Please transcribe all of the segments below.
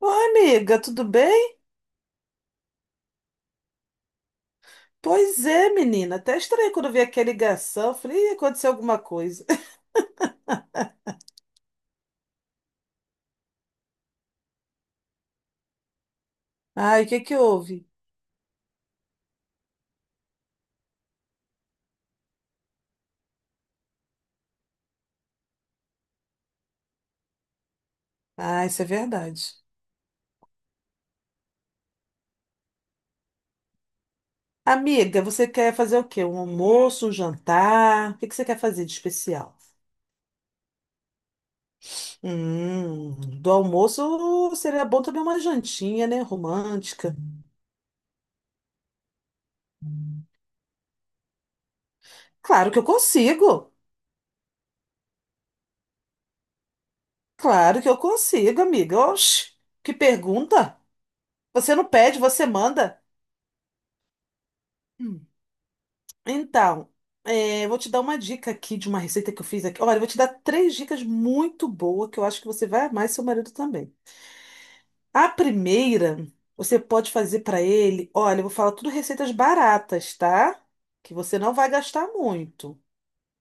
Oi, amiga, tudo bem? Pois é, menina. Até estranhei quando eu vi aquela ligação. Eu falei, "Ih, aconteceu alguma coisa. Ai, o que que houve? Ah, isso é verdade. Amiga, você quer fazer o quê? Um almoço, um jantar? O que que você quer fazer de especial? Hum, do almoço seria bom também uma jantinha, né? Romântica. Claro que eu consigo. Claro que eu consigo, amiga. Oxi, que pergunta. Você não pede, você manda. Então, é, vou te dar uma dica aqui de uma receita que eu fiz aqui. Olha, eu vou te dar três dicas muito boas que eu acho que você vai amar e seu marido também. A primeira, você pode fazer para ele. Olha, eu vou falar tudo receitas baratas, tá? Que você não vai gastar muito,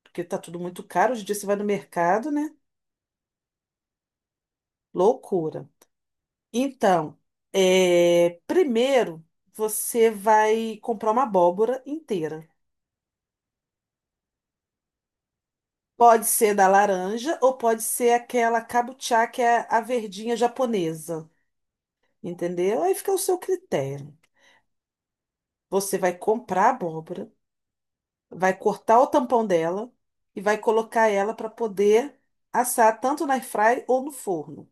porque tá tudo muito caro. Hoje em dia você vai no mercado, né? Loucura. Então, é, primeiro, você vai comprar uma abóbora inteira. Pode ser da laranja ou pode ser aquela kabuchá, que é a verdinha japonesa, entendeu? Aí fica o seu critério. Você vai comprar a abóbora, vai cortar o tampão dela e vai colocar ela para poder assar tanto na airfry ou no forno.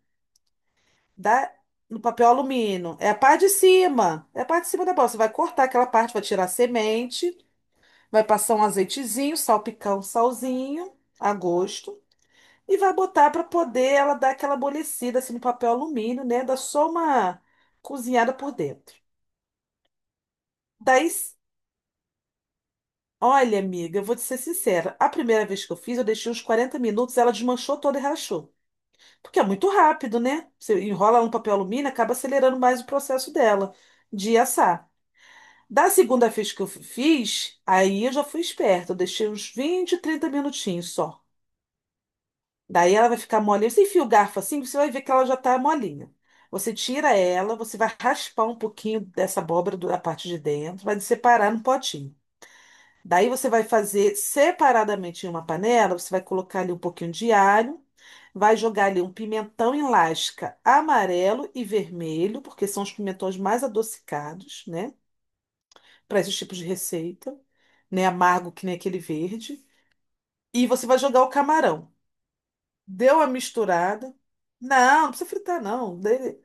Dá no papel alumínio. É a parte de cima, é a parte de cima da abóbora. Você vai cortar aquela parte, vai tirar a semente, vai passar um azeitezinho, salpicar um salzinho a gosto. E vai botar para poder ela dar aquela amolecida assim no papel alumínio, né? Dá só uma cozinhada por dentro. Daí, s- Olha, amiga, eu vou te ser sincera. A primeira vez que eu fiz, eu deixei uns 40 minutos, ela desmanchou toda e rachou. Porque é muito rápido, né? Você enrola ela no papel alumínio, acaba acelerando mais o processo dela de assar. Da segunda vez que eu fiz, aí eu já fui esperta. Eu deixei uns 20, 30 minutinhos só. Daí ela vai ficar molinha. Você enfia o garfo assim, você vai ver que ela já tá molinha. Você tira ela, você vai raspar um pouquinho dessa abóbora da parte de dentro, vai separar no potinho. Daí você vai fazer separadamente em uma panela, você vai colocar ali um pouquinho de alho, vai jogar ali um pimentão em lasca amarelo e vermelho, porque são os pimentões mais adocicados, né? Para esses tipos de receita, né? Amargo que nem aquele verde. E você vai jogar o camarão. Deu a misturada. Não, não precisa fritar, não.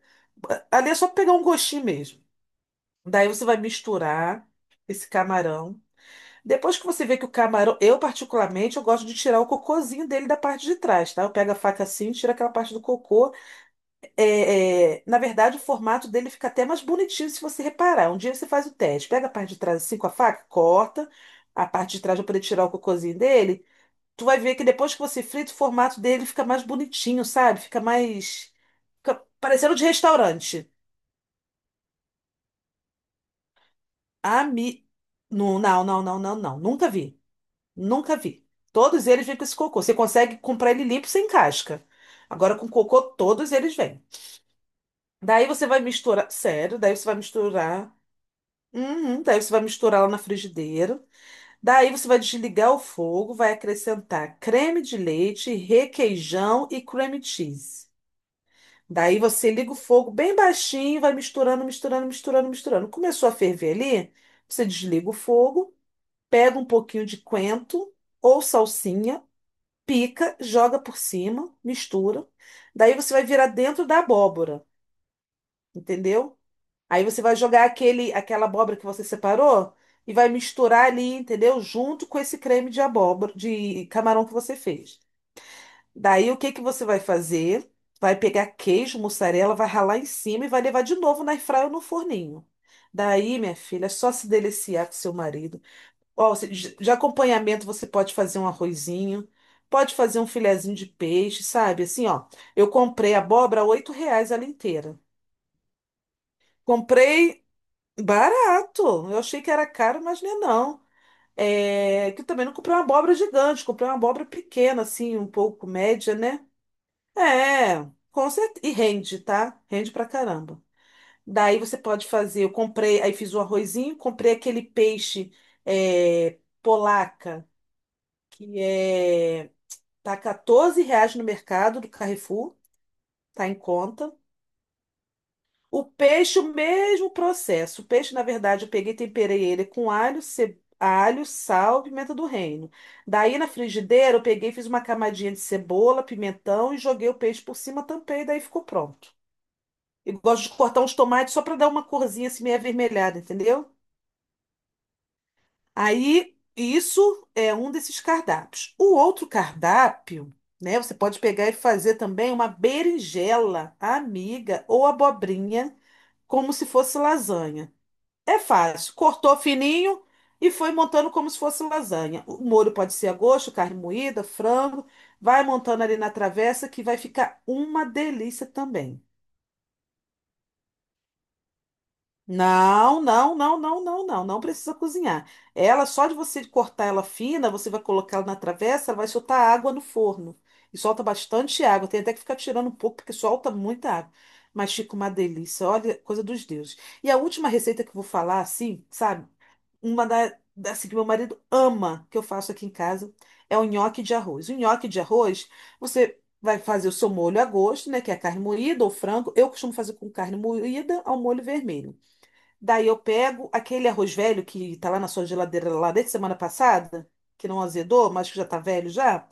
Ali é só pegar um gostinho mesmo. Daí você vai misturar esse camarão. Depois que você vê que o camarão, eu particularmente, eu gosto de tirar o cocôzinho dele da parte de trás, tá? Eu pego a faca assim, tiro aquela parte do cocô. É, na verdade, o formato dele fica até mais bonitinho se você reparar. Um dia você faz o teste. Pega a parte de trás assim com a faca, corta a parte de trás para poder tirar o cocôzinho dele, tu vai ver que depois que você frita, o formato dele fica mais bonitinho, sabe? Fica mais. Fica parecendo de restaurante. Ami... Não, não, não, não, não, não. Nunca vi. Nunca vi. Todos eles vêm com esse cocô. Você consegue comprar ele limpo sem casca. Agora com cocô, todos eles vêm. Daí você vai misturar. Sério, daí você vai misturar. Uhum, daí você vai misturar lá na frigideira. Daí você vai desligar o fogo, vai acrescentar creme de leite, requeijão e cream cheese. Daí você liga o fogo bem baixinho, vai misturando, misturando, misturando, misturando. Começou a ferver ali, você desliga o fogo, pega um pouquinho de coentro ou salsinha, pica, joga por cima, mistura. Daí você vai virar dentro da abóbora, entendeu? Aí você vai jogar aquela abóbora que você separou e vai misturar ali, entendeu? Junto com esse creme de abóbora, de camarão que você fez. Daí o que que você vai fazer? Vai pegar queijo, mussarela, vai ralar em cima e vai levar de novo na airfryer ou no forninho. Daí, minha filha, é só se deliciar com seu marido. Ó, de acompanhamento você pode fazer um arrozinho, pode fazer um filezinho de peixe, sabe? Assim, ó, eu comprei abóbora a R$ 8 ela inteira. Comprei barato. Eu achei que era caro, mas não é não. É, que eu também não comprei uma abóbora gigante, comprei uma abóbora pequena, assim, um pouco média, né? É, com certeza. E rende, tá? Rende pra caramba. Daí você pode fazer. Eu comprei, aí fiz o arrozinho, comprei aquele peixe é, polaca, que é. Tá R$ 14 no mercado do Carrefour, tá em conta. O peixe, o mesmo processo. O peixe, na verdade, eu peguei e temperei ele com alho, alho, sal, pimenta do reino. Daí na frigideira, eu peguei, e fiz uma camadinha de cebola, pimentão e joguei o peixe por cima, tampei, daí ficou pronto. Eu gosto de cortar uns tomates só para dar uma corzinha assim meio avermelhada, entendeu? Aí, isso é um desses cardápios. O outro cardápio, né? Você pode pegar e fazer também uma berinjela, amiga ou abobrinha, como se fosse lasanha. É fácil. Cortou fininho e foi montando como se fosse lasanha. O molho pode ser a gosto, carne moída, frango. Vai montando ali na travessa que vai ficar uma delícia também. Não, não, não, não, não, não, não precisa cozinhar. Ela, só de você cortar ela fina, você vai colocar ela na travessa, ela vai soltar água no forno. E solta bastante água. Tem até que ficar tirando um pouco, porque solta muita água. Mas fica uma delícia, olha, coisa dos deuses. E a última receita que eu vou falar, assim, sabe? Uma assim, que meu marido ama, que eu faço aqui em casa, é o nhoque de arroz. O nhoque de arroz, você vai fazer o seu molho a gosto, né? Que é a carne moída ou frango. Eu costumo fazer com carne moída ao molho vermelho. Daí eu pego aquele arroz velho que tá lá na sua geladeira lá desde semana passada, que não azedou, mas que já tá velho já.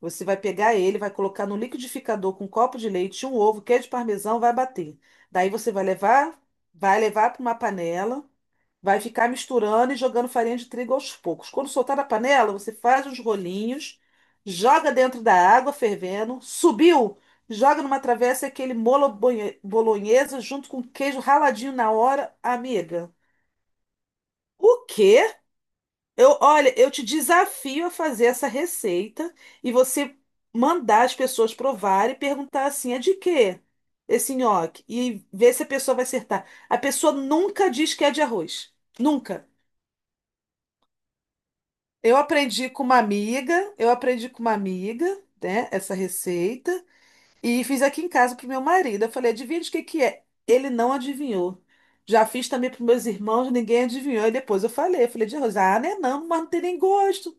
Você vai pegar ele, vai colocar no liquidificador com um copo de leite, um ovo, queijo parmesão, vai bater. Daí você vai levar para uma panela, vai ficar misturando e jogando farinha de trigo aos poucos. Quando soltar da panela, você faz os rolinhos, joga dentro da água fervendo, subiu, joga numa travessa e aquele molho bolonhesa junto com queijo raladinho na hora, amiga. O quê? Eu, olha, eu te desafio a fazer essa receita e você mandar as pessoas provarem e perguntar assim, é de quê? Esse nhoque. E ver se a pessoa vai acertar. A pessoa nunca diz que é de arroz. Nunca. Eu aprendi com uma amiga, né, essa receita e fiz aqui em casa pro meu marido. Eu falei, adivinha de que é? Ele não adivinhou. Já fiz também para meus irmãos, ninguém adivinhou. E depois eu falei de arroz. Ah, né, não, mas não tem nem gosto.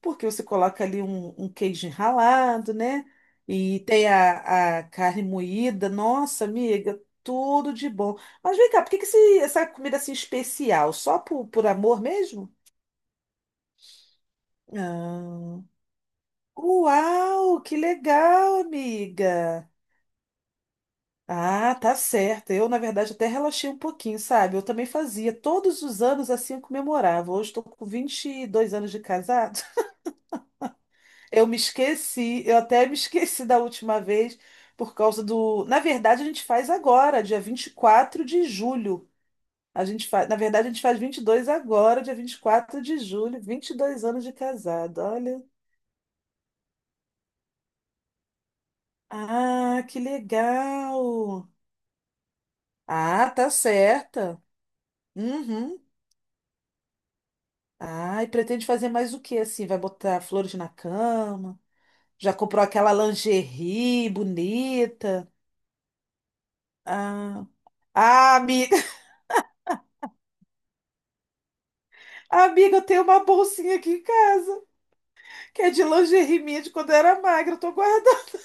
Porque você coloca ali um queijo ralado, né? E tem a carne moída. Nossa, amiga, tudo de bom. Mas vem cá, por que que essa comida assim especial? Só por amor mesmo? Ah, uau, que legal, amiga. Ah, tá certo. Eu, na verdade, até relaxei um pouquinho, sabe? Eu também fazia. Todos os anos assim eu comemorava. Hoje estou com 22 anos de casado. Eu me esqueci, eu até me esqueci da última vez, por causa do. Na verdade, a gente faz agora, dia 24 de julho. Na verdade, a gente faz 22 agora, dia 24 de julho, 22 anos de casado, olha. Ah, que legal! Ah, tá certa. Uhum. Ah, e pretende fazer mais o que assim? Vai botar flores na cama? Já comprou aquela lingerie bonita? Ah, ah, amiga! Amiga, eu tenho uma bolsinha aqui em casa, que é de lingerie minha de quando eu era magra. Eu tô guardando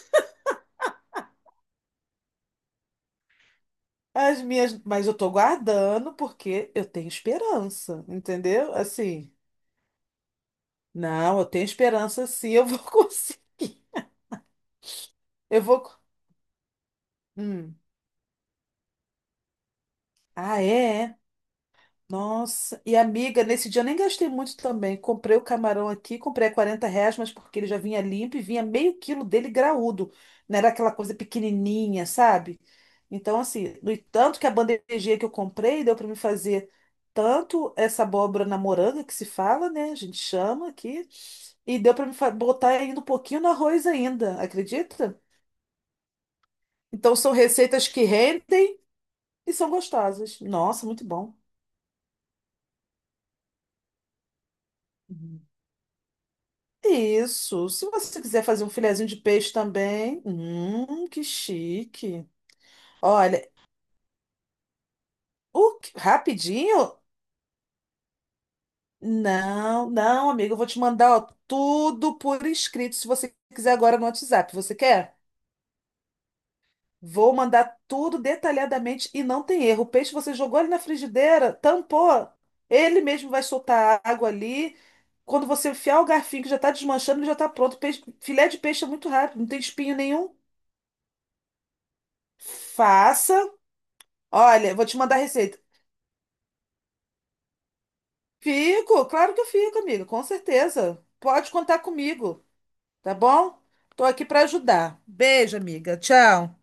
as minhas, mas eu tô guardando porque eu tenho esperança, entendeu? Assim, não, eu tenho esperança sim, eu vou conseguir. Eu vou. Hum. Ah, é, nossa, e amiga, nesse dia eu nem gastei muito também. Comprei o camarão aqui, comprei a R$ 40, mas porque ele já vinha limpo e vinha meio quilo dele graúdo. Não era aquela coisa pequenininha, sabe? Então, assim, no tanto que a bandejinha que eu comprei deu para me fazer tanto essa abóbora na moranga, que se fala, né? A gente chama aqui. E deu para me botar ainda um pouquinho no arroz ainda, acredita? Então, são receitas que rendem e são gostosas. Nossa, muito bom. Isso. Se você quiser fazer um filezinho de peixe também, que chique. Olha, rapidinho? Não, não, amigo, eu vou te mandar, ó, tudo por escrito, se você quiser agora no WhatsApp. Você quer? Vou mandar tudo detalhadamente e não tem erro. O peixe você jogou ali na frigideira, tampou. Ele mesmo vai soltar a água ali. Quando você enfiar o garfinho que já está desmanchando, ele já está pronto. Filé de peixe é muito rápido, não tem espinho nenhum. Faça. Olha, eu vou te mandar a receita. Fico, claro que eu fico, amiga, com certeza. Pode contar comigo, tá bom? Tô aqui para ajudar. Beijo, amiga. Tchau.